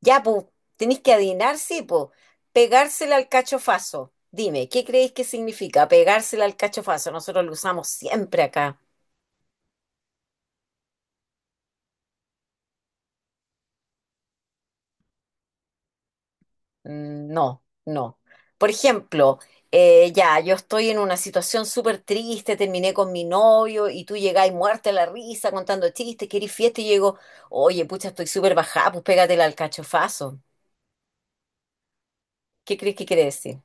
Ya, pues, tenéis que adivinar, sí, pues. Pegársela al cachofazo. Dime, ¿qué creéis que significa pegársela al cachofazo? Nosotros lo usamos siempre acá. Mm, no, no. Por ejemplo, ya, yo estoy en una situación súper triste, terminé con mi novio y tú llegáis muerta a la risa contando chistes, querís fiesta y llego, oye, pucha, estoy súper bajada, pues pégatela al cachofazo. ¿Qué crees que quiere decir?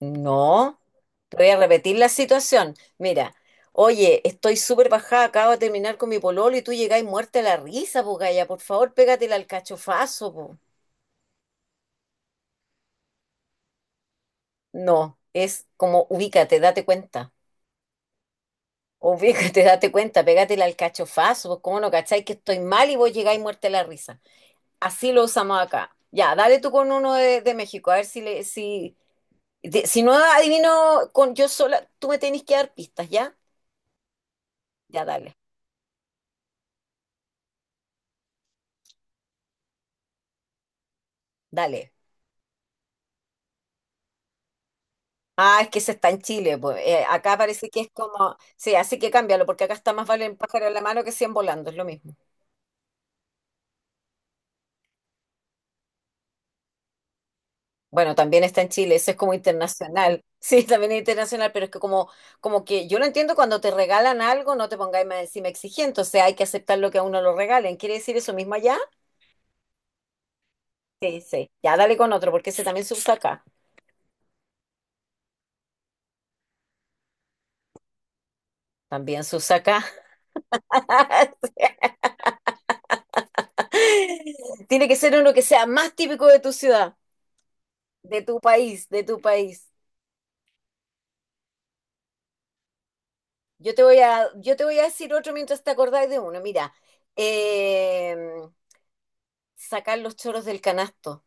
No, te voy a repetir la situación. Mira, oye, estoy súper bajada, acabo de terminar con mi pololo y tú llegáis muerta a la risa, pues Gaya, por favor, pégatela al cachofazo, po. No, es como ubícate, date cuenta. Ubícate, date cuenta, pégatela al cachofazo, pues cómo no cacháis que estoy mal y vos llegáis muerta a la risa. Así lo usamos acá. Ya, dale tú con uno de México, a ver si le, si, si no adivino con yo sola, tú me tenés que dar pistas, ¿ya? Ya, dale, dale. Ah, es que ese está en Chile, pues. Acá parece que es como, sí, así que cámbialo, porque acá está más vale el pájaro en la mano que 100 volando, es lo mismo. Bueno, también está en Chile, eso es como internacional. Sí, también es internacional, pero es que como, como que yo lo entiendo cuando te regalan algo, no te pongáis más encima exigente, o sea, hay que aceptar lo que a uno lo regalen. ¿Quiere decir eso mismo allá? Sí, sí. Ya dale con otro, porque ese también se usa acá. También se usa acá. Tiene que ser uno que sea más típico de tu ciudad, de tu país, de tu país. Yo te voy a decir otro mientras te acordáis de uno. Mira, eh, sacar los choros del canasto.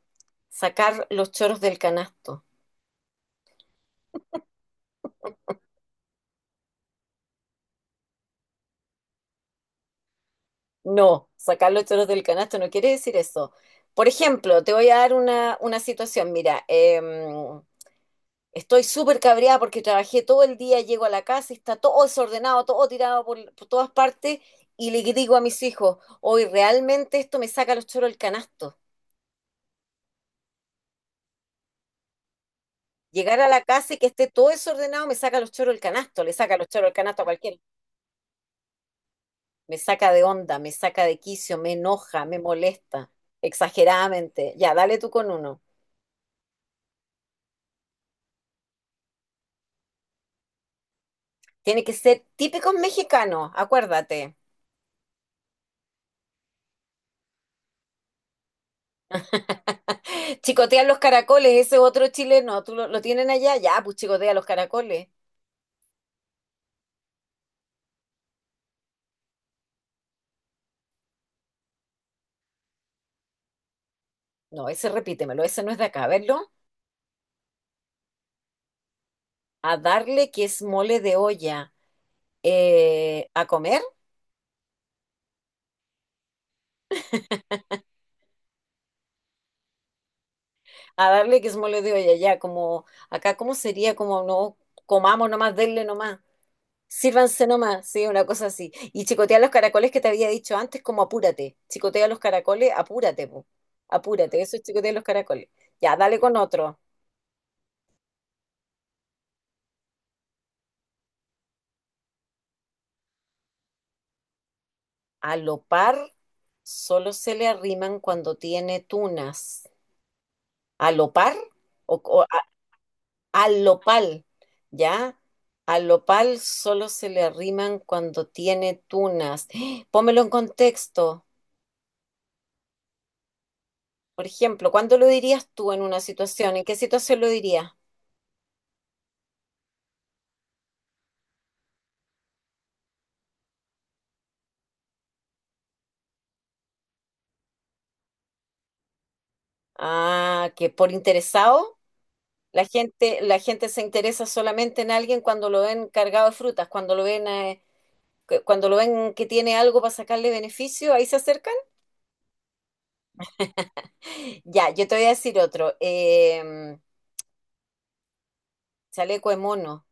Sacar los choros del canasto. No, sacar los choros del canasto no quiere decir eso. Por ejemplo, te voy a dar una situación. Mira, estoy súper cabreada porque trabajé todo el día, llego a la casa y está todo desordenado, todo tirado por todas partes y le digo a mis hijos, hoy realmente esto me saca los choros del canasto. Llegar a la casa y que esté todo desordenado me saca los choros del canasto, le saca los choros del canasto a cualquiera. Me saca de onda, me saca de quicio, me enoja, me molesta, exageradamente. Ya, dale tú con uno. Tiene que ser típicos mexicanos, acuérdate. Chicotean los caracoles, ese otro chileno, ¿tú lo tienen allá? Ya, pues chicotea los caracoles. No, ese repítemelo, ese no es de acá, ¿verlo? A darle que es mole de olla. A comer, a darle que se me de hoy ya como acá, ¿cómo sería? Como no comamos nomás, denle nomás, sírvanse nomás, sí, una cosa así. Y chicotea los caracoles que te había dicho antes, como apúrate, chicotea los caracoles, apúrate, po. Apúrate, eso es chicotea los caracoles. Ya, dale con otro. A lo par solo se le arriman cuando tiene tunas. ¿A lo par? O al lopal, ¿ya? Al lopal solo se le arriman cuando tiene tunas. ¡Ah! Pómelo en contexto. Por ejemplo, ¿cuándo lo dirías tú en una situación? ¿En qué situación lo dirías? Ah, que por interesado, la gente se interesa solamente en alguien cuando lo ven cargado de frutas, cuando lo ven, cuando lo ven que tiene algo para sacarle beneficio, ahí se acercan. Ya, yo te voy a decir otro. Chaleco de mono.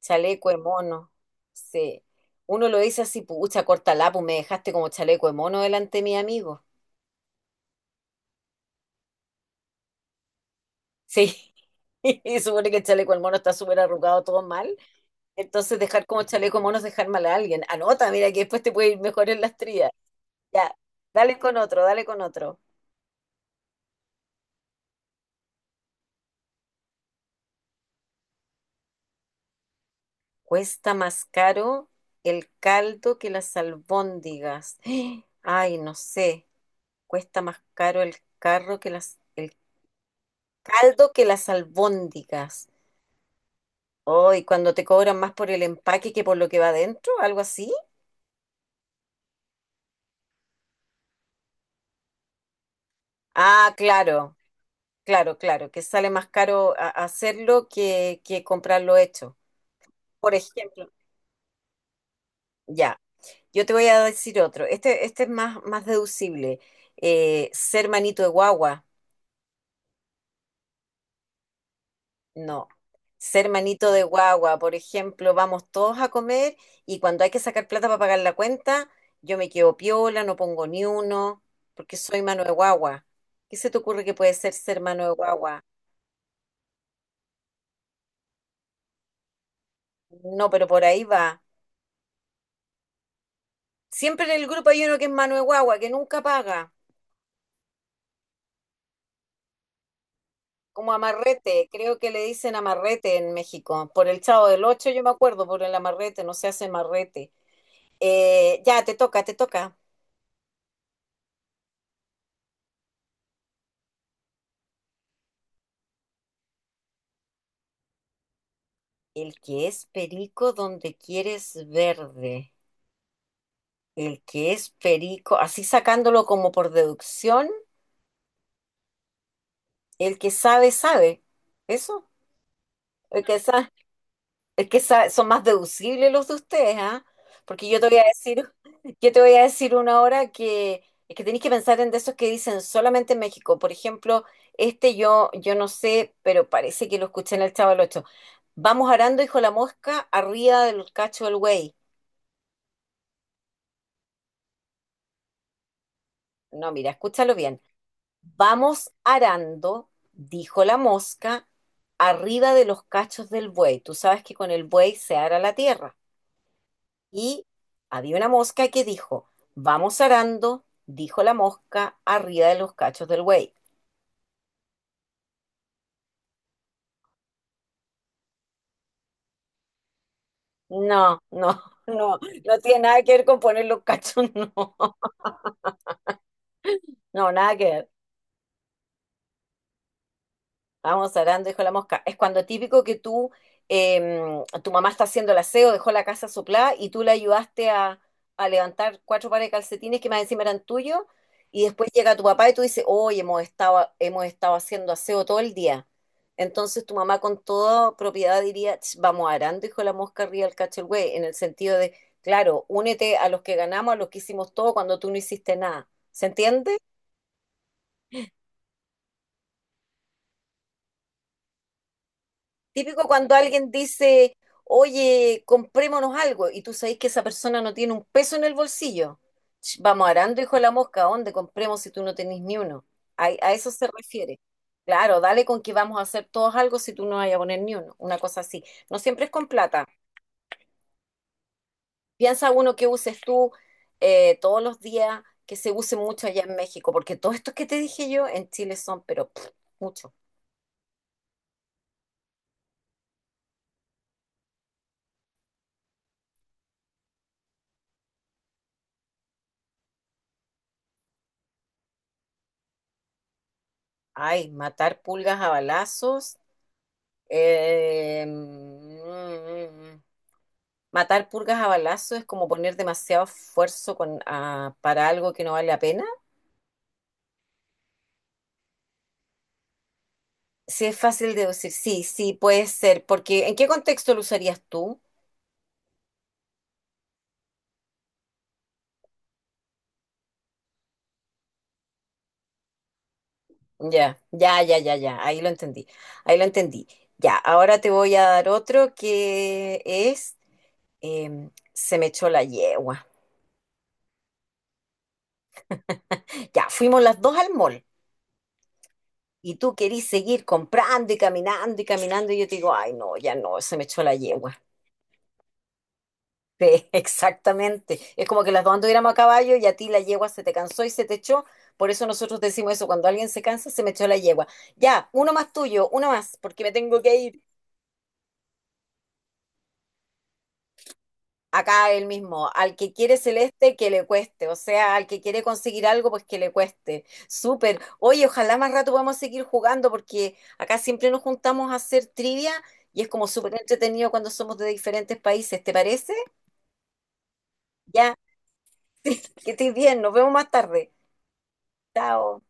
Chaleco de mono. Sí. Uno lo dice así, pucha, corta pues me dejaste como chaleco de mono delante de mi amigo. Sí. Y supone que el chaleco de mono está súper arrugado, todo mal. Entonces, dejar como chaleco de mono es dejar mal a alguien. Anota, mira, que después te puede ir mejor en las trías. Ya. Dale con otro, dale con otro. ¿Cuesta más caro el caldo que las albóndigas? Ay, no sé. Cuesta más caro el carro que las, el caldo que las albóndigas. Oh, y cuando te cobran más por el empaque que por lo que va adentro, algo así. Ah, claro, claro, claro, que sale más caro hacerlo que comprarlo hecho. Por ejemplo, ya, yo te voy a decir otro. Este es más, más deducible. Ser manito de guagua. No. Ser manito de guagua, por ejemplo, vamos todos a comer y cuando hay que sacar plata para pagar la cuenta, yo me quedo piola, no pongo ni uno, porque soy mano de guagua. ¿Qué se te ocurre que puede ser ser mano de guagua? No, pero por ahí va. Siempre en el grupo hay uno que es mano de guagua, que nunca paga, como amarrete, creo que le dicen amarrete en México. Por el Chavo del Ocho yo me acuerdo, por el amarrete, no se hace amarrete. Ya, te toca, te toca. El que es perico donde quieres verde. El que es perico, así sacándolo como por deducción, el que sabe, sabe. ¿Eso? El que sabe, el que sabe, son más deducibles los de ustedes, ¿ah? Porque yo te voy a decir, yo te voy a decir una hora que es que tenéis que pensar en de esos que dicen solamente en México. Por ejemplo, yo no sé, pero parece que lo escuché en el Chavo del Ocho. Vamos arando, hijo la mosca, arriba del cacho del güey. No, mira, escúchalo bien. Vamos arando, dijo la mosca, arriba de los cachos del buey. Tú sabes que con el buey se ara la tierra. Y había una mosca que dijo, vamos arando, dijo la mosca, arriba de los cachos del buey. No, no, no, no tiene nada que ver con poner los cachos, no, no, nada que ver. Vamos hablando, dijo la mosca. Es cuando típico que tú, tu mamá está haciendo el aseo, dejó la casa soplada y tú le ayudaste a levantar cuatro pares de calcetines que más encima eran tuyos y después llega tu papá y tú dices, oye hemos estado haciendo aseo todo el día. Entonces tu mamá con toda propiedad diría, "Ch, vamos arando, dijo la mosca arriba del cacho el güey", en el sentido de, claro, únete a los que ganamos, a los que hicimos todo cuando tú no hiciste nada. ¿Se entiende? Típico cuando alguien dice, oye, comprémonos algo, y tú sabes que esa persona no tiene un peso en el bolsillo. Ch, vamos arando, hijo de la mosca, ¿a dónde compremos si tú no tenés ni uno? A eso se refiere. Claro, dale con que vamos a hacer todos algo si tú no vas a poner ni uno, una cosa así. No siempre es con plata. Piensa uno que uses tú todos los días, que se use mucho allá en México, porque todos estos que te dije yo en Chile son, pero pff, mucho. Ay, matar pulgas a balazos. Mm, matar purgas a balazo es como poner demasiado esfuerzo con, para algo que no vale la pena. Sí, es fácil de decir, sí, sí, puede ser, porque ¿en qué contexto lo usarías tú? Ya, ya, ya, ya, ya, ahí lo entendí, ahí lo entendí. Ya, ahora te voy a dar otro que es, se me echó la yegua. Ya, fuimos las dos al mall y tú querís seguir comprando y caminando y caminando y yo te digo, ay, no, ya no, se me echó la yegua. Sí, exactamente. Es como que las dos anduviéramos a caballo y a ti la yegua se te cansó y se te echó. Por eso nosotros decimos eso, cuando alguien se cansa, se me echó la yegua. Ya, uno más tuyo, uno más, porque me tengo que ir. Acá el mismo, al que quiere celeste, que le cueste. O sea, al que quiere conseguir algo, pues que le cueste. Súper. Oye, ojalá más rato podamos seguir jugando, porque acá siempre nos juntamos a hacer trivia y es como súper entretenido cuando somos de diferentes países. ¿Te parece? Ya, que estés bien. Nos vemos más tarde. Chao.